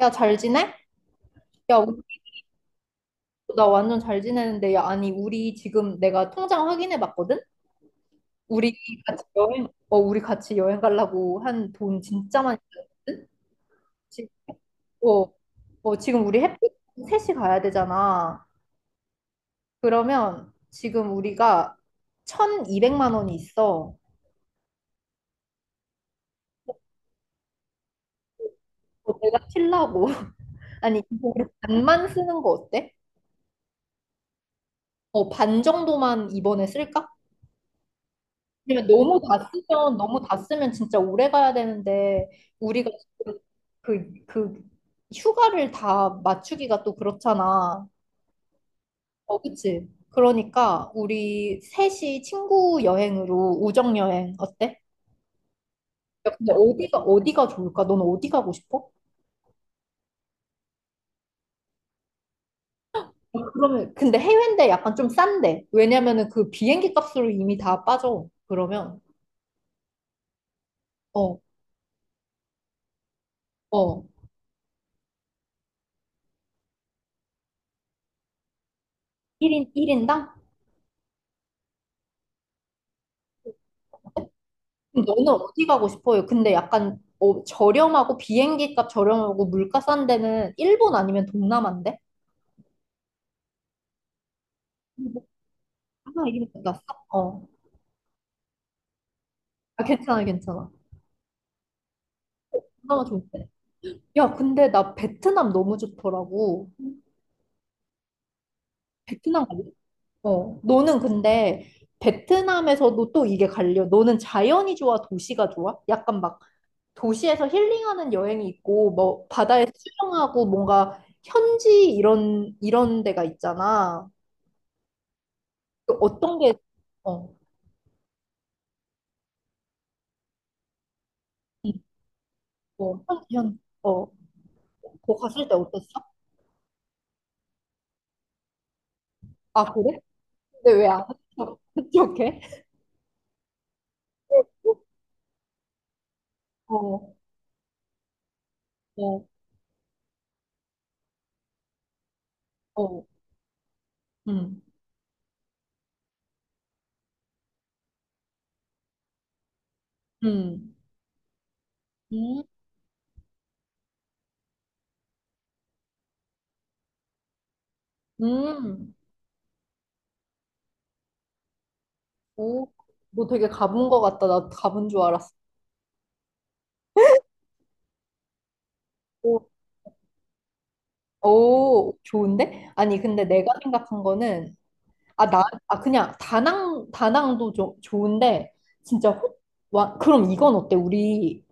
야, 잘 지내? 야, 우리- 나 완전 잘 지내는데, 야, 아니, 우리 지금 내가 통장 확인해 봤거든? 우리 우리 같이 여행 가려고 한 돈 진짜 많이 들었거든? 지금, 어, 지금 우리 햇빛 셋이 가야 되잖아. 그러면 지금 우리가 1,200만 원이 있어. 어, 내가 칠라고. 아니, 이거 우리 반만 쓰는 거 어때? 어, 반 정도만 이번에 쓸까? 왜냐면 너무 다 쓰면 진짜 오래 가야 되는데 우리가 지금 그 휴가를 다 맞추기가 또 그렇잖아. 어, 그치? 그러니까 우리 셋이 친구 여행으로 우정 여행 어때? 야, 근데 어디가 좋을까? 넌 어디 가고 싶어? 어, 그러면 근데 해외인데 약간 좀 싼데. 왜냐면은 그 비행기 값으로 이미 다 빠져. 그러면 어, 어. 일인 1인당? 너는 어디 가고 싶어요? 근데 약간 저렴하고 비행기 값 저렴하고 물가 싼 데는 일본 아니면 동남아인데? 뭐, 하나 이름이 났어? 어. 아, 괜찮아, 괜찮아. 동남아 좋은데. 야, 근데 나 베트남 너무 좋더라고. 베트남 갈래? 어. 너는 근데 베트남에서도 또 이게 갈려. 너는 자연이 좋아, 도시가 좋아? 약간 막 도시에서 힐링하는 여행이 있고, 뭐 바다에서 수영하고 뭔가 현지 이런 데가 있잖아. 그 어떤 게, 어, 응, 어, 현, 현, 어, 거 갔을 때 어땠어? 아, 그래? 근데 왜 안합어 합격해? 어, 어, 어, 음, 음, 음, 음, 오, 너 되게 가본 거 같다. 나 가본 줄 알았어. 오, 오, 좋은데? 아니, 근데 내가 생각한 거는, 그냥 다낭도 좀 좋은데, 진짜 호, 와, 그럼 이건 어때? 우리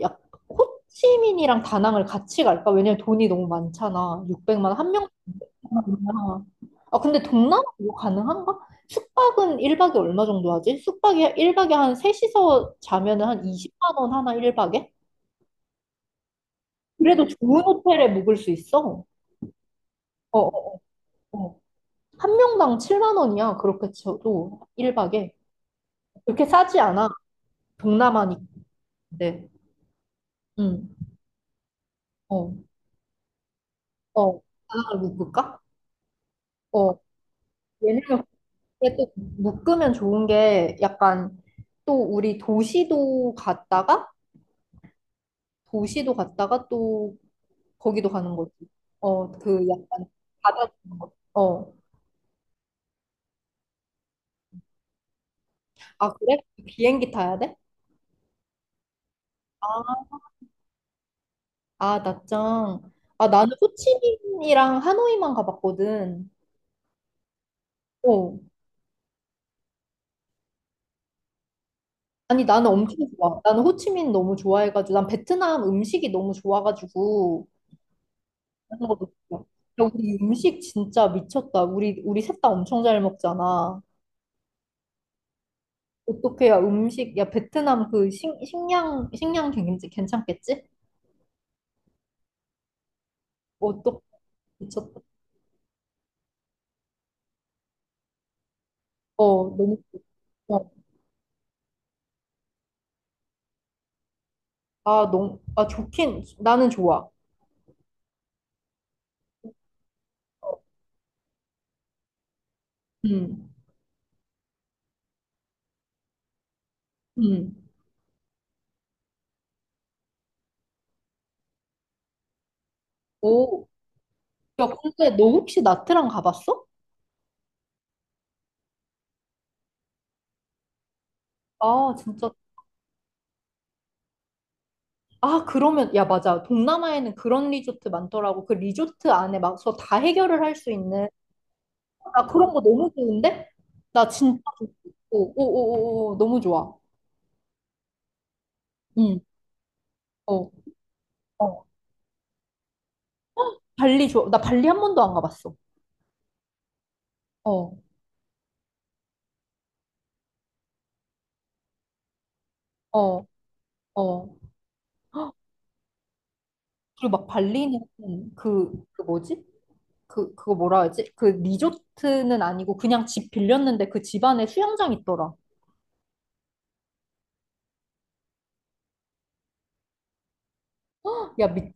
약 호치민이랑 다낭을 같이 갈까? 왜냐면 돈이 너무 많잖아. 600만 원, 한 명당이야. 아, 근데 동남아 이거 가능한가? 숙박은 1박에 얼마 정도 하지? 숙박이 1박에 한 셋이서 자면은 한 20만 원 하나 1박에? 그래도 좋은 호텔에 묵을 수 있어. 어, 어, 어. 어. 한 명당 7만 원이야. 그렇게 쳐도 1박에. 그렇게 싸지 않아. 동남아니까. 네. 응. 어. 어. 다낭을 묵을까? 어. 왜냐면 이게 또 묶으면 좋은 게 약간 또 우리 도시도 갔다가 도시도 갔다가 또 거기도 가는 거지. 어, 그 약간 바다 같은 거. 어. 아, 그래? 비행기 타야 돼? 아, 낮장. 아, 나는 호치민이랑 하노이만 가봤거든. 어. 아니, 나는 엄청 좋아. 나는 호치민 너무 좋아해가지고, 난 베트남 음식이 너무 좋아가지고, 그런 것도 좋아. 야, 우리 음식 진짜 미쳤다. 우리 셋 다 엄청 잘 먹잖아. 어떻게 야 음식 야 베트남 그 식, 식량 식량 괜찮- 괜찮겠지? 어떡 미쳤다. 어 너무 어, 아 너무 아 좋긴 나는 좋아. 음. 음. 오. 야 근데 너 혹시 나트랑 가봤어? 아 진짜 아 그러면 야 맞아 동남아에는 그런 리조트 많더라고 그 리조트 안에 막서 다 해결을 할 수 있는 나 그런 거 너무 좋은데 나 진짜 오오오오 너무 좋아 응 어 어 발리 좋아 나 발리 한 번도 안 가봤어 어, 어, 어. 그리고 막 발리는 그 뭐지? 그거 뭐라 하지? 그 리조트는 아니고 그냥 집 빌렸는데 그 집 안에 수영장 있더라. 야, 미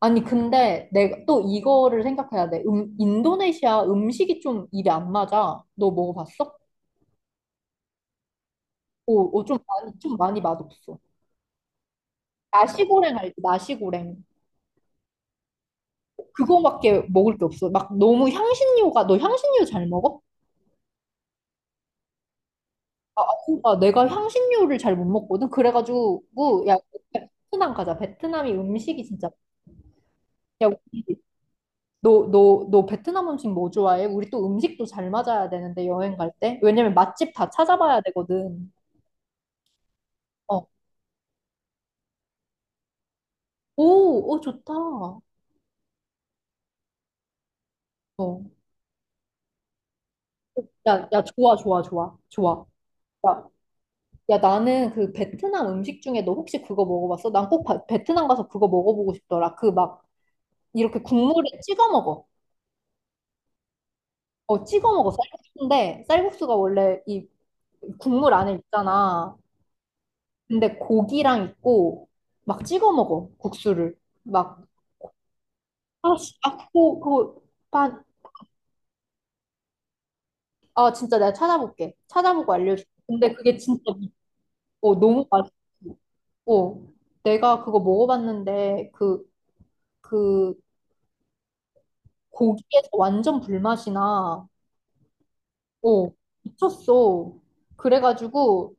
아니, 근데 내가 또 이거를 생각해야 돼. 인도네시아 음식이 좀 입에 안 맞아. 너 먹어봤어? 오, 오, 좀 많이 맛없어. 나시고랭 알지? 나시고랭. 그거밖에 먹을 게 없어. 막 너무 향신료가, 너 향신료 잘 먹어? 그러니까 내가 향신료를 잘 못 먹거든. 그래가지고 야 베트남 가자. 베트남이 음식이 진짜 야 우리 너너너 베트남 음식 뭐 좋아해? 우리 또 음식도 잘 맞아야 되는데 여행 갈 때. 왜냐면 맛집 다 찾아봐야 되거든. 어. 오, 오 좋다. 어. 야, 야 좋아 좋아 좋아 좋아. 야, 야 나는 그 베트남 음식 중에 너 혹시 그거 먹어봤어? 난 꼭 베트남 가서 그거 먹어보고 싶더라. 그 막 이렇게 국물에 찍어 먹어. 어, 찍어 먹어. 쌀국수인데, 쌀국수가 원래 이 국물 안에 있잖아. 근데 고기랑 있고 막 찍어 먹어 국수를 막 아, 씨, 아 그거 반, 아 진짜 내가 찾아볼게. 찾아보고 알려줄게. 근데 그게 진짜 어, 너무 맛있고 내가 그거 먹어봤는데 그 고기에서 완전 불맛이 나. 어 미쳤어. 그래가지고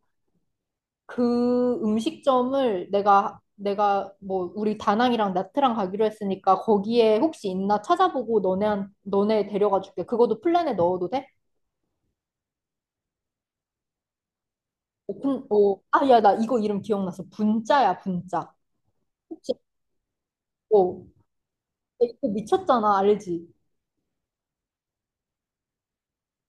그 음식점을 내가 뭐 우리 다낭이랑 나트랑 가기로 했으니까 거기에 혹시 있나 찾아보고 너네 데려가 줄게. 그것도 플랜에 넣어도 돼? 오픈 오. 아, 야, 나 이거 이름 기억났어. 분짜야, 분짜. 혹시 오. 이거 미쳤잖아, 알지?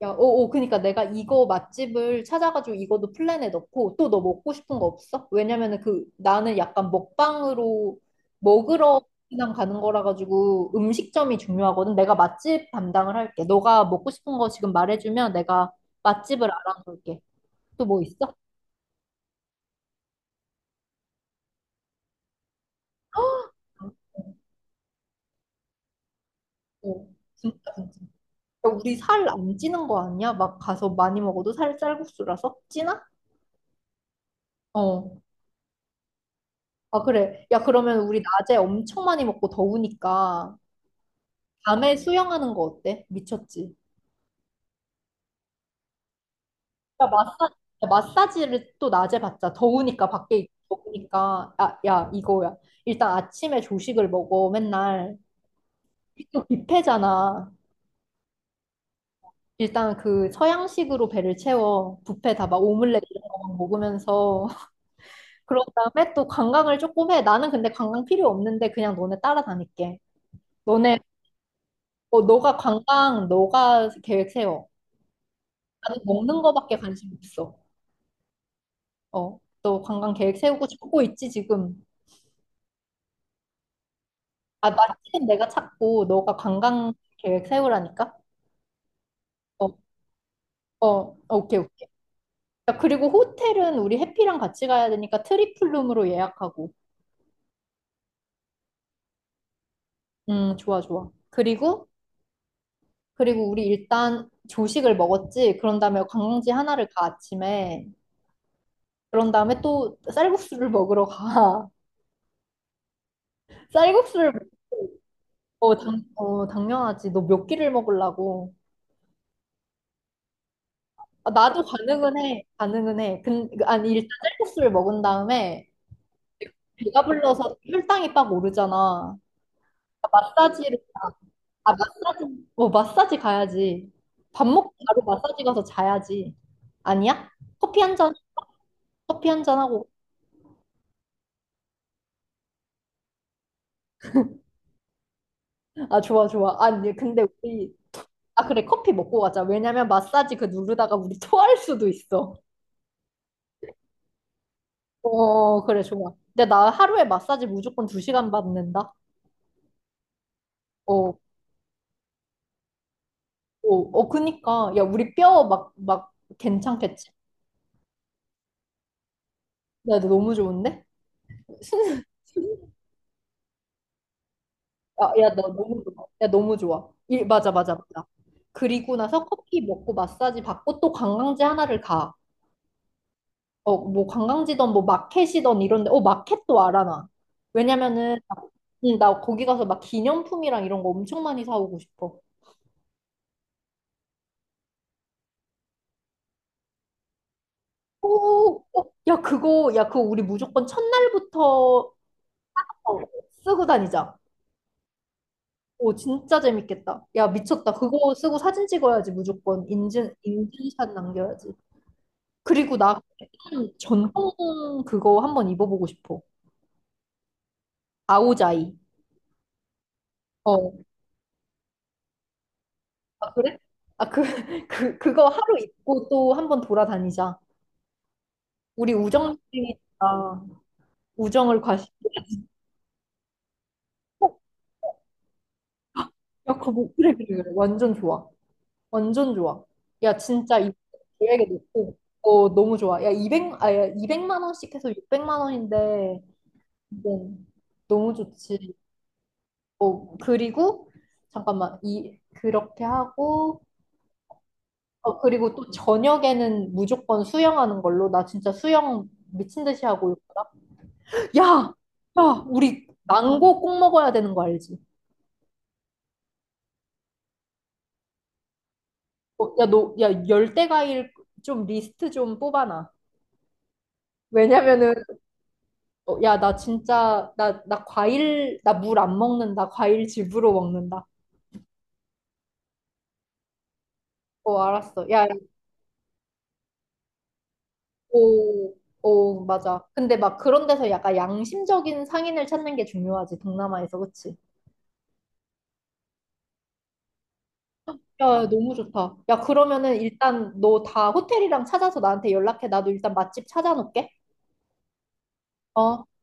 야, 오, 오, 그니까 내가 이거 맛집을 찾아가지고 이것도 플랜에 넣고 또 너 먹고 싶은 거 없어? 왜냐면은 그 나는 약간 먹방으로 먹으러 그냥 가는 거라 가지고 음식점이 중요하거든. 내가 맛집 담당을 할게. 너가 먹고 싶은 거 지금 말해주면 내가 맛집을 알아볼게. 또 뭐 있어? 어, 진짜 진짜. 야, 우리 살 안 찌는 거 아니야? 막 가서 많이 먹어도 살 쌀국수라서 찌나? 어. 아, 그래. 야, 그러면 우리 낮에 엄청 많이 먹고 더우니까. 밤에 수영하는 거 어때? 미쳤지. 야, 마사, 야, 마사지를 또 낮에 받자. 더우니까 더우니까. 아, 야, 이거야. 일단 아침에 조식을 먹어. 맨날 또 뷔페잖아. 일단 그 서양식으로 배를 채워. 뷔페 다 막 오믈렛 이런 거 막 먹으면서. 그런 다음에 또 관광을 조금 해. 나는 근데 관광 필요 없는데 그냥 너네 따라다닐게. 너네, 너가 너가 계획 세워. 나는 먹는 거밖에 관심 없어. 어, 너 관광 계획 세우고 싶고 있지, 지금. 아, 맛집은 내가 찾고, 너가 관광 계획 세우라니까? 어, 어, 오케이, 오케이. 야, 그리고 호텔은 우리 해피랑 같이 가야 되니까 트리플룸으로 예약하고. 좋아, 좋아. 그리고, 우리 일단 조식을 먹었지. 그런 다음에 관광지 하나를 가, 아침에. 그런 다음에 또 쌀국수를 먹으러 가. 쌀국수를, 먹- 어, 당연하지. 너 몇 끼를 먹으려고. 아, 나도 가능은 해. 가능은 해. 아니, 일단 쌀국수를 먹은 다음에 배가 불러서 혈당이 빡 오르잖아. 마사지를, 마사지 가야지. 밥 먹고 바로 마사지 가서 자야지. 아니야? 커피 한 잔, 커피 한 잔 하고. 아, 좋아, 좋아. 아니, 아, 그래, 커피 먹고 가자. 왜냐면 마사지 그 누르다가 우리 토할 수도 있어. 어, 그래, 좋아. 근데 나 하루에 마사지 무조건 2시간 받는다. 어. 어, 어, 그니까. 야, 우리 뼈 괜찮겠지? 야, 너 너무 좋은데? 순, 순, 아, 야, 너 너무 좋아. 야, 너무 좋아. 맞아, 맞아, 맞아. 그리고 나서 커피 먹고 마사지 받고 또 관광지 하나를 가. 어, 뭐 관광지던 뭐 마켓이던 이런데, 어, 마켓도 알아, 나. 왜냐면은, 나- 응, 나 거기 가서 막 기념품이랑 이런 거 엄청 많이 사오고 싶어. 오, 어, 야, 야, 그거 우리 무조건 첫날부터 어, 쓰고 다니자. 오, 진짜 재밌겠다. 야, 미쳤다. 그거 쓰고 사진 찍어야지, 무조건. 인증샷 남겨야지. 그리고 나 전통 그거 한번 입어보고 싶어. 아오자이. 어. 아, 그래? 아, 그, 그거 하루 입고 또 한번 돌아다니자. 우리 우정이니까 우정을 과시. 어, 야, 그래, 그래, 그래. 완전 좋아. 완전 좋아. 야, 진짜 이 계획에 놓고. 어, 너무 좋아. 야, 야, 200만 원씩 해서 600만 원인데. 네. 너무 좋지. 어, 그리고 잠깐만 이 그렇게 하고 어, 그리고 또 저녁에는 무조건 수영하는 걸로 나 진짜 수영 미친 듯이 하고 있구나. 야, 야, 우리 망고 꼭 먹어야 되는 거 알지? 어, 야, 너, 야, 열대 과일 좀 리스트 좀 뽑아놔. 왜냐면은 어, 야, 나 진짜 나 과일 나 물 안 먹는다. 과일 집으로 먹는다. 어, 알았어. 야, 야, 오, 오, 맞아. 근데 막 그런 데서 약간 양심적인 상인을 찾는 게 중요하지, 동남아에서, 그치? 야, 너무 좋다. 야, 그러면은 일단 너 다 호텔이랑 찾아서 나한테 연락해. 나도 일단 맛집 찾아놓을게. 어.